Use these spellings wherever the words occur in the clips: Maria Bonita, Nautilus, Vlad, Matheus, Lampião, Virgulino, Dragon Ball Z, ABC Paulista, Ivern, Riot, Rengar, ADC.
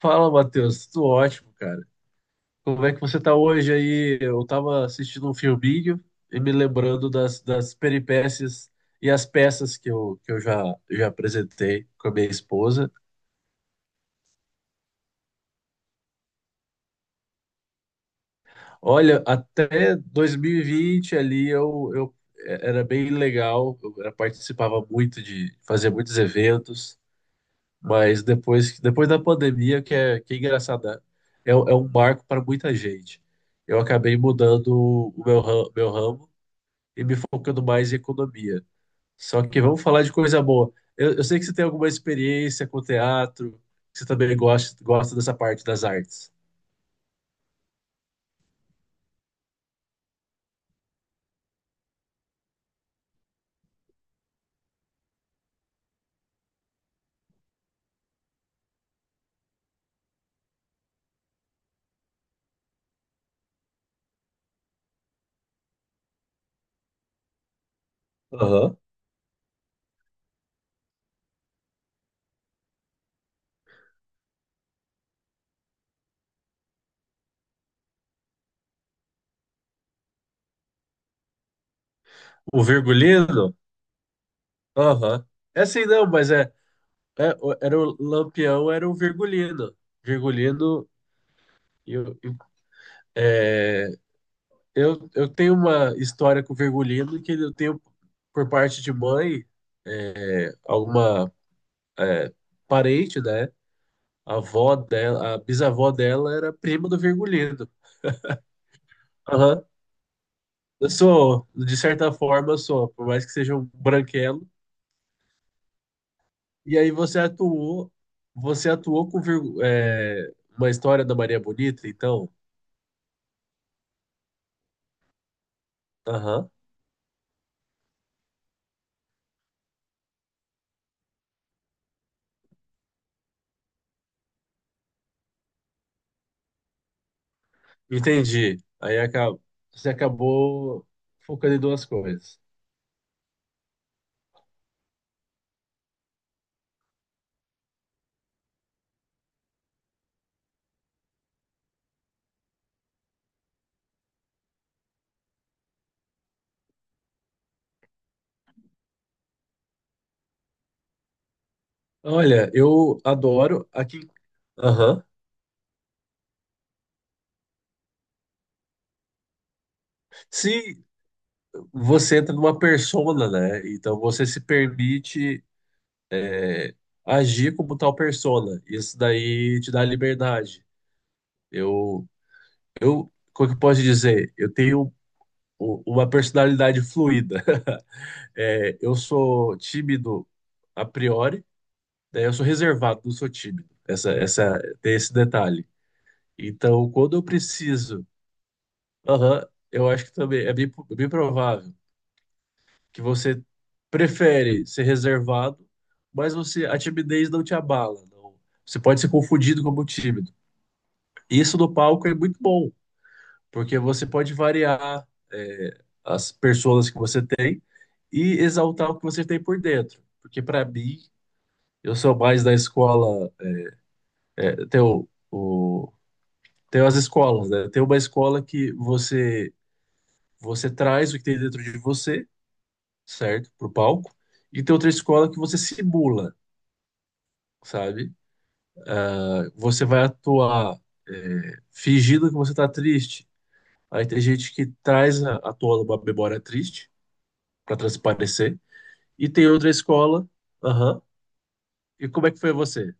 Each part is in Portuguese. Fala, Matheus. Tudo ótimo, cara. Como é que você tá hoje aí? Eu tava assistindo um filminho e me lembrando das peripécias e as peças que eu já apresentei com a minha esposa. Olha, até 2020 ali era bem legal, participava muito de fazer muitos eventos, mas depois da pandemia, que é engraçado, né? É um marco para muita gente. Eu acabei mudando meu ramo e me focando mais em economia. Só que vamos falar de coisa boa. Eu sei que você tem alguma experiência com teatro, que você também gosta dessa parte das artes. Aham. O Virgulino? Aham. É assim não, mas era o Lampião, era o Virgulino. Virgulino, eu, eu- é, eu tenho uma história com o Virgulino que eu tenho por parte de mãe, alguma é, parente, né? A avó dela, a bisavó dela era prima do Virgulino. Aham. Eu sou, de certa forma, eu sou, por mais que seja um branquelo. E aí você atuou com uma história da Maria Bonita, então? Aham. Entendi. Aí você acabou focando em duas coisas. Olha, eu adoro aqui. Aham. Se você entra numa persona, né? Então você se permite é, agir como tal persona. Isso daí te dá liberdade. Eu Eu, como é que eu posso dizer? Eu tenho uma personalidade fluida. É, eu sou tímido a priori, né? Eu sou reservado, não sou tímido. Essa, tem esse detalhe. Então, quando eu preciso, aham, eu acho que também é bem provável que você prefere ser reservado, mas você, a timidez não te abala. Não. Você pode ser confundido como tímido. E isso no palco é muito bom, porque você pode variar, as pessoas que você tem e exaltar o que você tem por dentro. Porque para mim, eu sou mais da escola, é, tem o, o- tem as escolas, né? Tem uma escola que você traz o que tem dentro de você, certo? Pro palco. E tem outra escola que você simula, sabe? Você vai atuar, fingindo que você tá triste. Aí tem gente que traz à tona uma memória triste para transparecer. E tem outra escola. Aham. E como é que foi você?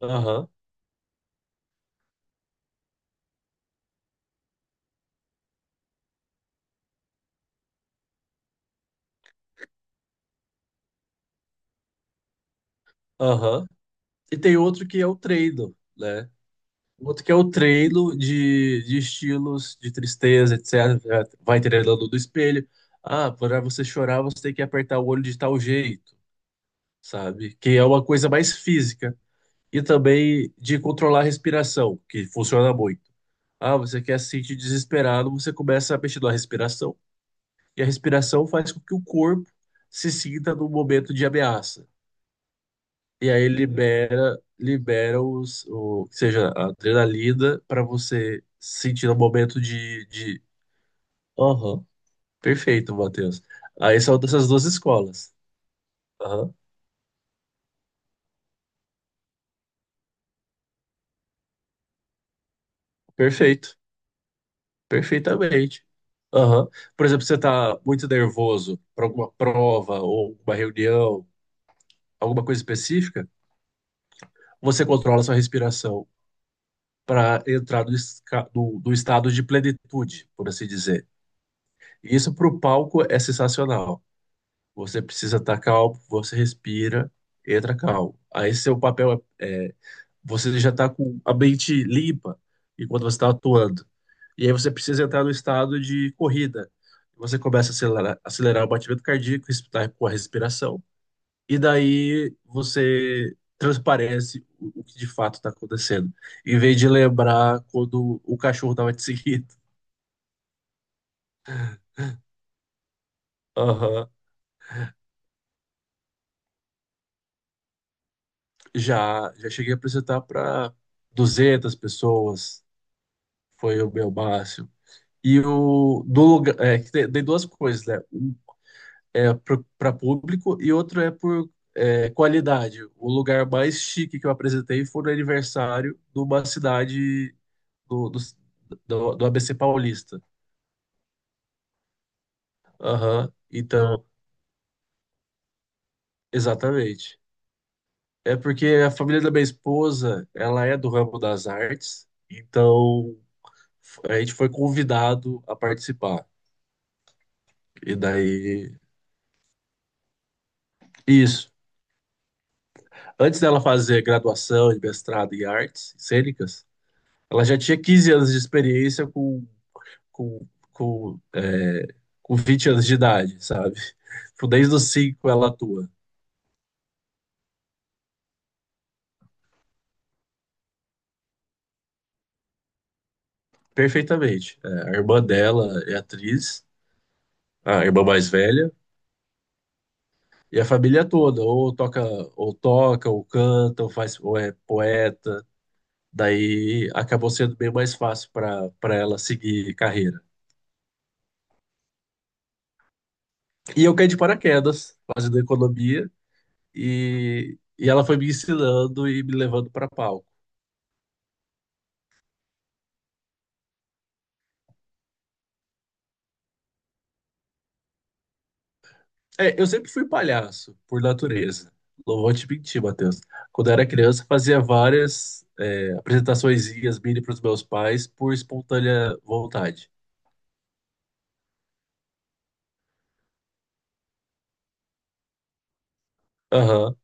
Aham, aham. E tem outro que é o treino, né? O outro que é o treino de estilos, de tristeza, etc. Vai treinando do espelho. Ah, para você chorar, você tem que apertar o olho de tal jeito, sabe? Que é uma coisa mais física. E também de controlar a respiração, que funciona muito. Ah, você quer se sentir desesperado, você começa a mexer na respiração. E a respiração faz com que o corpo se sinta num momento de ameaça. E aí libera, seja, a adrenalina para você sentir no momento de... Aham, perfeito, Matheus. Aí são dessas duas escolas. Aham, perfeito, perfeitamente. Aham. Por exemplo, você está muito nervoso para alguma prova ou uma reunião, alguma coisa específica, você controla sua respiração para entrar do estado de plenitude, por assim dizer. E isso para o palco é sensacional. Você precisa estar calmo, você respira, entra calmo. Aí seu papel é você já está com a mente limpa enquanto você está atuando. E aí você precisa entrar no estado de corrida. Você começa a acelerar, acelerar o batimento cardíaco, respirar com a respiração, e daí você transparece o que de fato está acontecendo, em vez de lembrar quando o cachorro estava te seguindo. Aham. Já, cheguei a apresentar para 200 pessoas, foi o meu máximo. E o do lugar, que tem duas coisas, né? Um é para público e outro é por qualidade. O lugar mais chique que eu apresentei foi no aniversário de uma cidade do, do, do ABC Paulista. Aham, então, exatamente. É porque a família da minha esposa, ela é do ramo das artes, então a gente foi convidado a participar. E daí, isso. Antes dela fazer graduação e mestrado em artes cênicas, ela já tinha 15 anos de experiência com, com com 20 anos de idade, sabe? Tipo, desde os 5 ela atua perfeitamente. É, a irmã dela é atriz, a irmã mais velha, e a família toda, ou toca, ou canta, ou faz, ou é poeta. Daí acabou sendo bem mais fácil para ela seguir carreira. E eu caí de paraquedas, fazendo economia, e ela foi me ensinando e me levando para palco. É, eu sempre fui palhaço, por natureza. Não vou te mentir, Matheus. Quando eu era criança, fazia várias apresentaçõezinhas mini para os meus pais por espontânea vontade. Aham.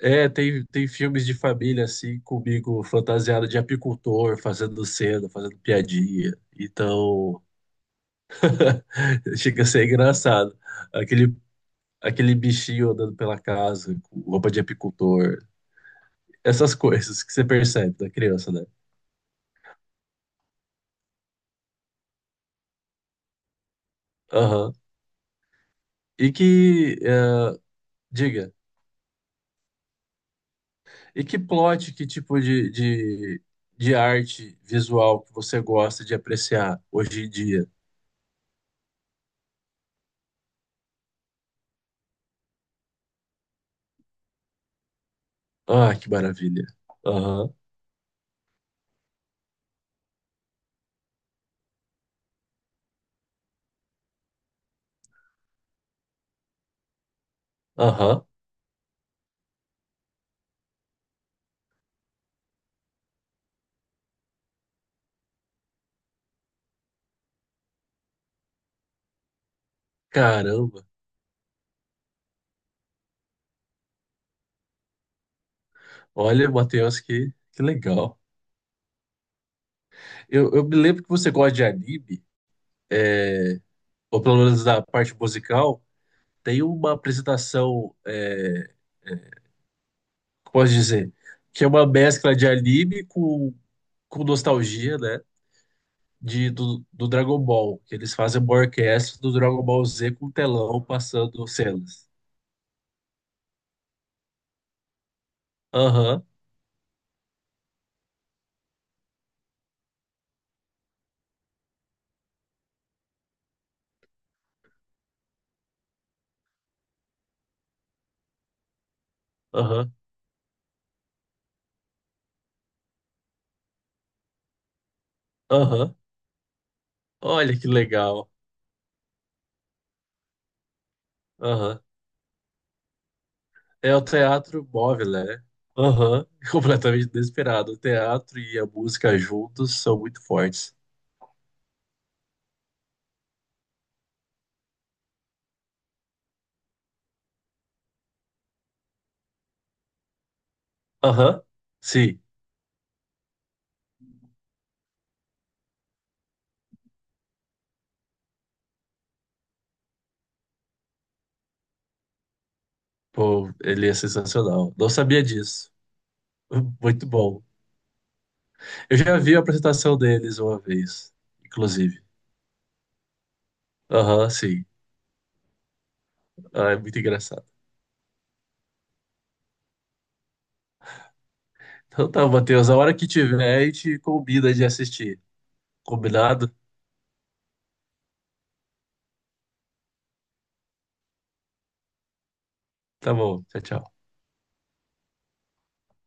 É, tem filmes de família assim, comigo fantasiado de apicultor, fazendo cena, fazendo piadinha. Então, chega a ser engraçado. Aquele, aquele bichinho andando pela casa com roupa de apicultor. Essas coisas que você percebe da criança, né? Aham. E que, diga. E que plot, que tipo de arte visual que você gosta de apreciar hoje em dia? Ah, que maravilha. Aham, aham. Caramba. Olha, Matheus, que legal. Eu me lembro que você gosta de anime, ou pelo menos da parte musical. Tem uma apresentação, como posso dizer, que é uma mescla de anime com nostalgia, né? Do Dragon Ball, que eles fazem uma orquestra do Dragon Ball Z com um telão passando cenas. Aham, aham, aham. Olha que legal. Aham. É o teatro móvel, né? Aham. Completamente desesperado. O teatro e a música juntos são muito fortes. Aham, sim, pô, ele é sensacional. Não sabia disso. Muito bom. Eu já vi a apresentação deles uma vez, inclusive. Aham, sim. Ah, é muito engraçado. Então tá, Matheus, a hora que tiver, a gente combina de assistir. Combinado? Tá bom, tchau, tchau.